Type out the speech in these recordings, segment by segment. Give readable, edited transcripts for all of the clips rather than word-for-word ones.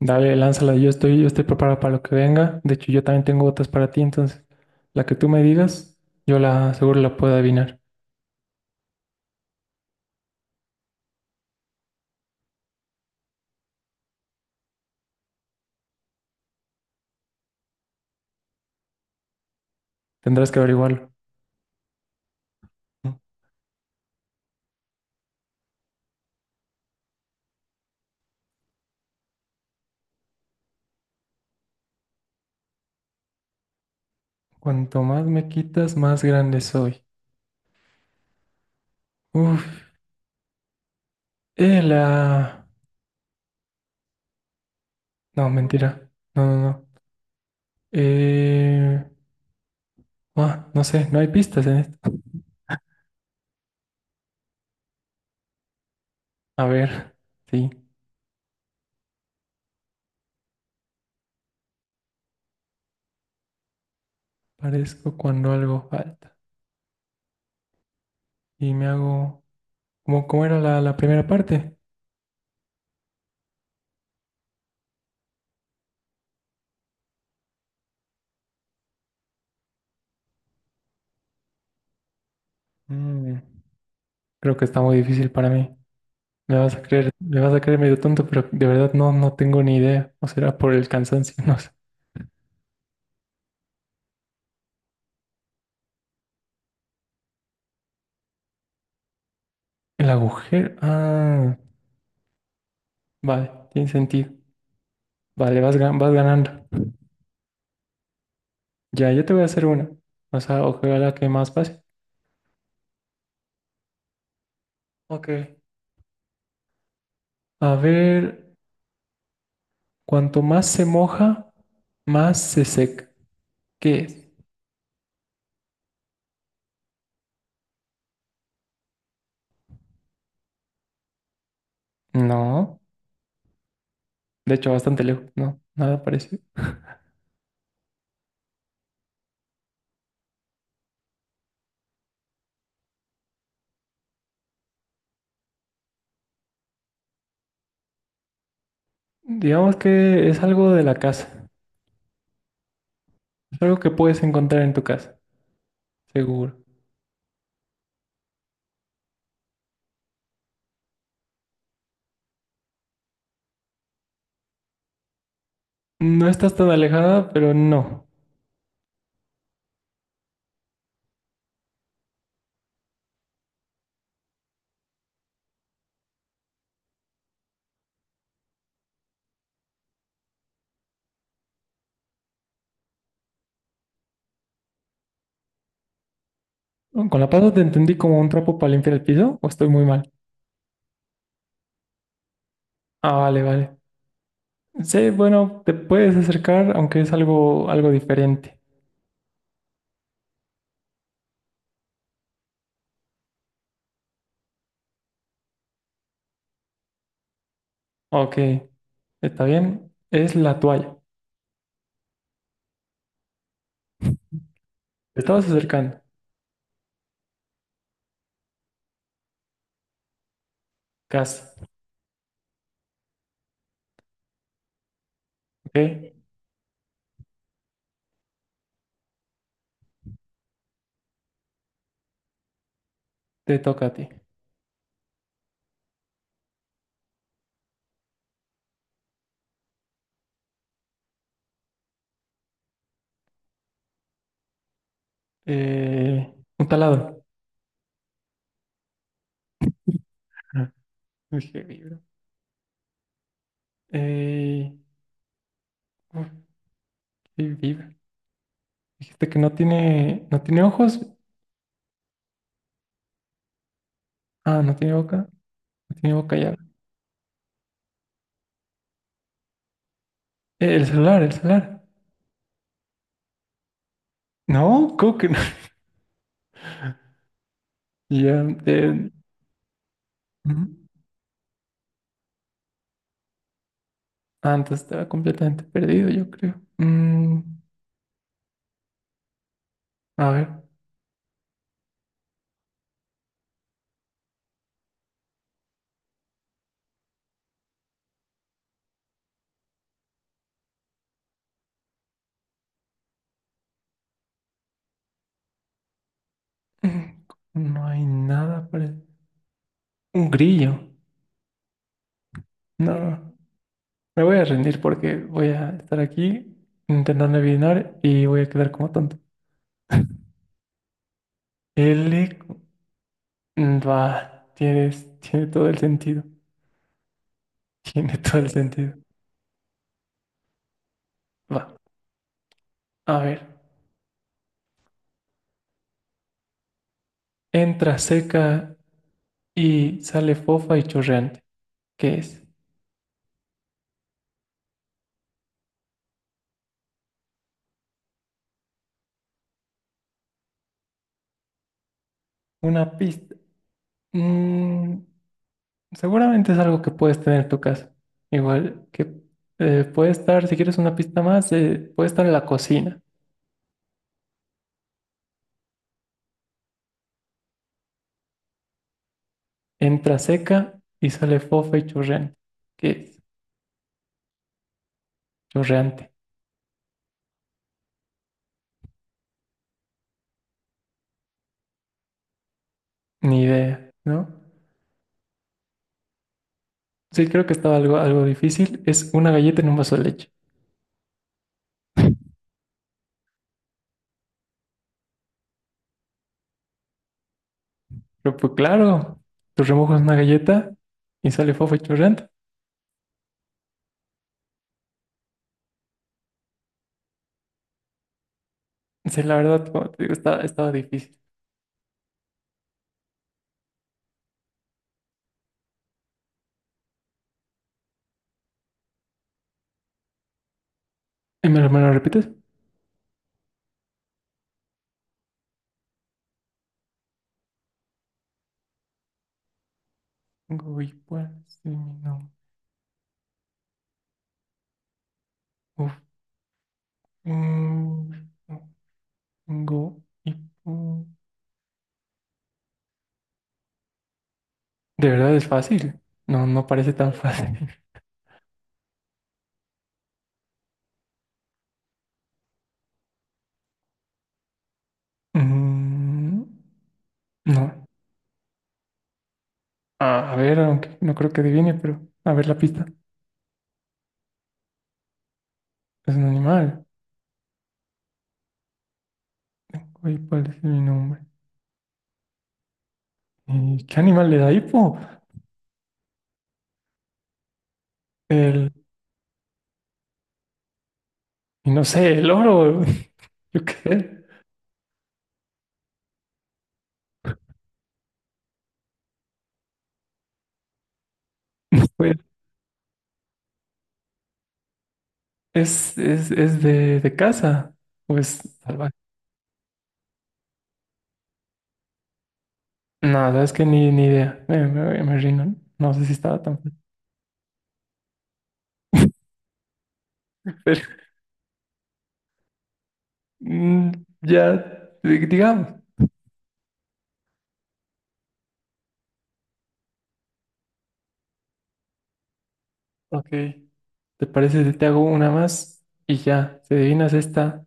Dale, lánzala, yo estoy preparado para lo que venga. De hecho, yo también tengo otras para ti, entonces la que tú me digas, yo la seguro la puedo adivinar. Tendrás que averiguarlo. Cuanto más me quitas, más grande soy. Uf, la... No, mentira. No, no, no. Eh... ah, no sé, no hay pistas en esto. A ver, sí. Parezco cuando algo falta. Y me hago... cómo era la primera parte? Mm, creo que está muy difícil para mí. Me vas a creer medio tonto, pero de verdad no, no tengo ni idea. O será por el cansancio, no sé. El agujero. Ah, vale, tiene sentido. Vale, vas, vas ganando. Ya, yo te voy a hacer una. O sea, ojalá que más pase. Ok. A ver, cuanto más se moja, más se seca. ¿Qué es? No, de hecho, bastante lejos. No, nada parecido. Digamos que es algo de la casa. Es algo que puedes encontrar en tu casa, seguro. No estás tan alejada, pero no. Mm, con la pata te entendí como un trapo para limpiar el piso, o estoy muy mal. Ah, vale, vale. Sí, bueno, te puedes acercar, aunque es algo, algo diferente. Ok, está bien. Es la toalla. Te estabas acercando, casi. Ok, te toca a ti. Eh, un taladro. Ah, dije vibra. Eh, uf, sí, vibra. Dijiste que no tiene ojos. Ah, no tiene boca. No tiene boca ya. El celular. No, ¿cómo que no? Ya, ujú. Antes estaba completamente perdido, yo creo. A ver, no hay nada para... Un grillo. No, me voy a rendir porque voy a estar aquí intentando adivinar y voy a quedar como tonto. L... va, tiene todo el sentido. Tiene todo el sentido. Va, a ver. Entra seca y sale fofa y chorreante. ¿Qué es? Una pista. Mm, seguramente es algo que puedes tener en tu casa. Igual que puede estar, si quieres una pista más, puede estar en la cocina. Entra seca y sale fofa y chorreante. ¿Qué es? Chorreante. Ni idea, ¿no? Sí, creo que estaba algo, algo difícil. Es una galleta en un vaso de leche. Pero pues claro, tú remojas una galleta y sale fofa y chorreante. Sí, la verdad, como te digo, estaba difícil. ¿Y me lo repites? Uy, pues, sí, no. Uf. Mm. Go y pu- De verdad es fácil. No, no parece tan fácil. Mm, no. A ver, aunque no creo que adivine, pero a ver la pista. Es un animal. Oye, ¿cuál es mi nombre? ¿Y qué animal le da hipo? El, y no sé, el oro. Yo qué sé. Pues, es de casa. O es salvaje. Nada, es que ni idea. Me rindo. No sé si estaba tan fácil. Pero mm, ya, digamos. Ok, ¿te parece si te hago una más y ya? Si adivinas esta,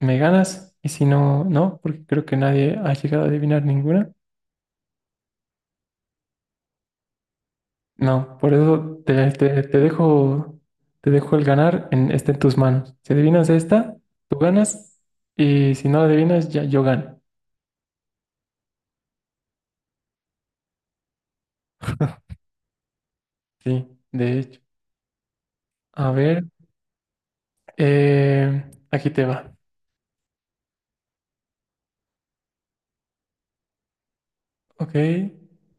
me ganas y si no, no, porque creo que nadie ha llegado a adivinar ninguna. No, por eso te dejo el ganar en, está en tus manos. Si adivinas esta, tú ganas y si no la adivinas, ya yo gano. Sí, de hecho. A ver, aquí te va. Ok,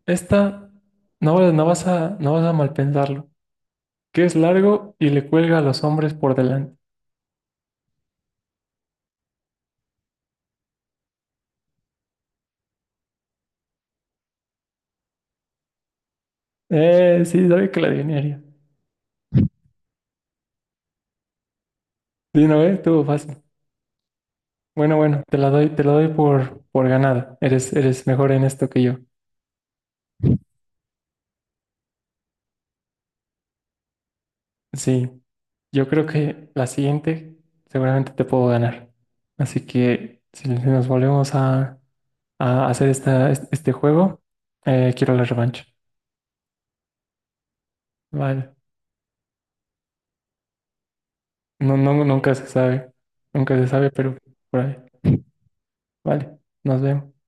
esta no, no vas a, no vas a mal pensarlo. Que es largo y le cuelga a los hombres por delante. Sí, sabía que la adivinaría. Sí, no, estuvo fácil. Bueno, bueno, te la doy por ganada. Eres, eres mejor en esto que yo. Sí, yo creo que la siguiente seguramente te puedo ganar. Así que si nos volvemos a hacer esta, este juego, quiero la revancha. Vale. No, no, nunca se sabe. Nunca se sabe, pero por ahí. Vale, nos vemos.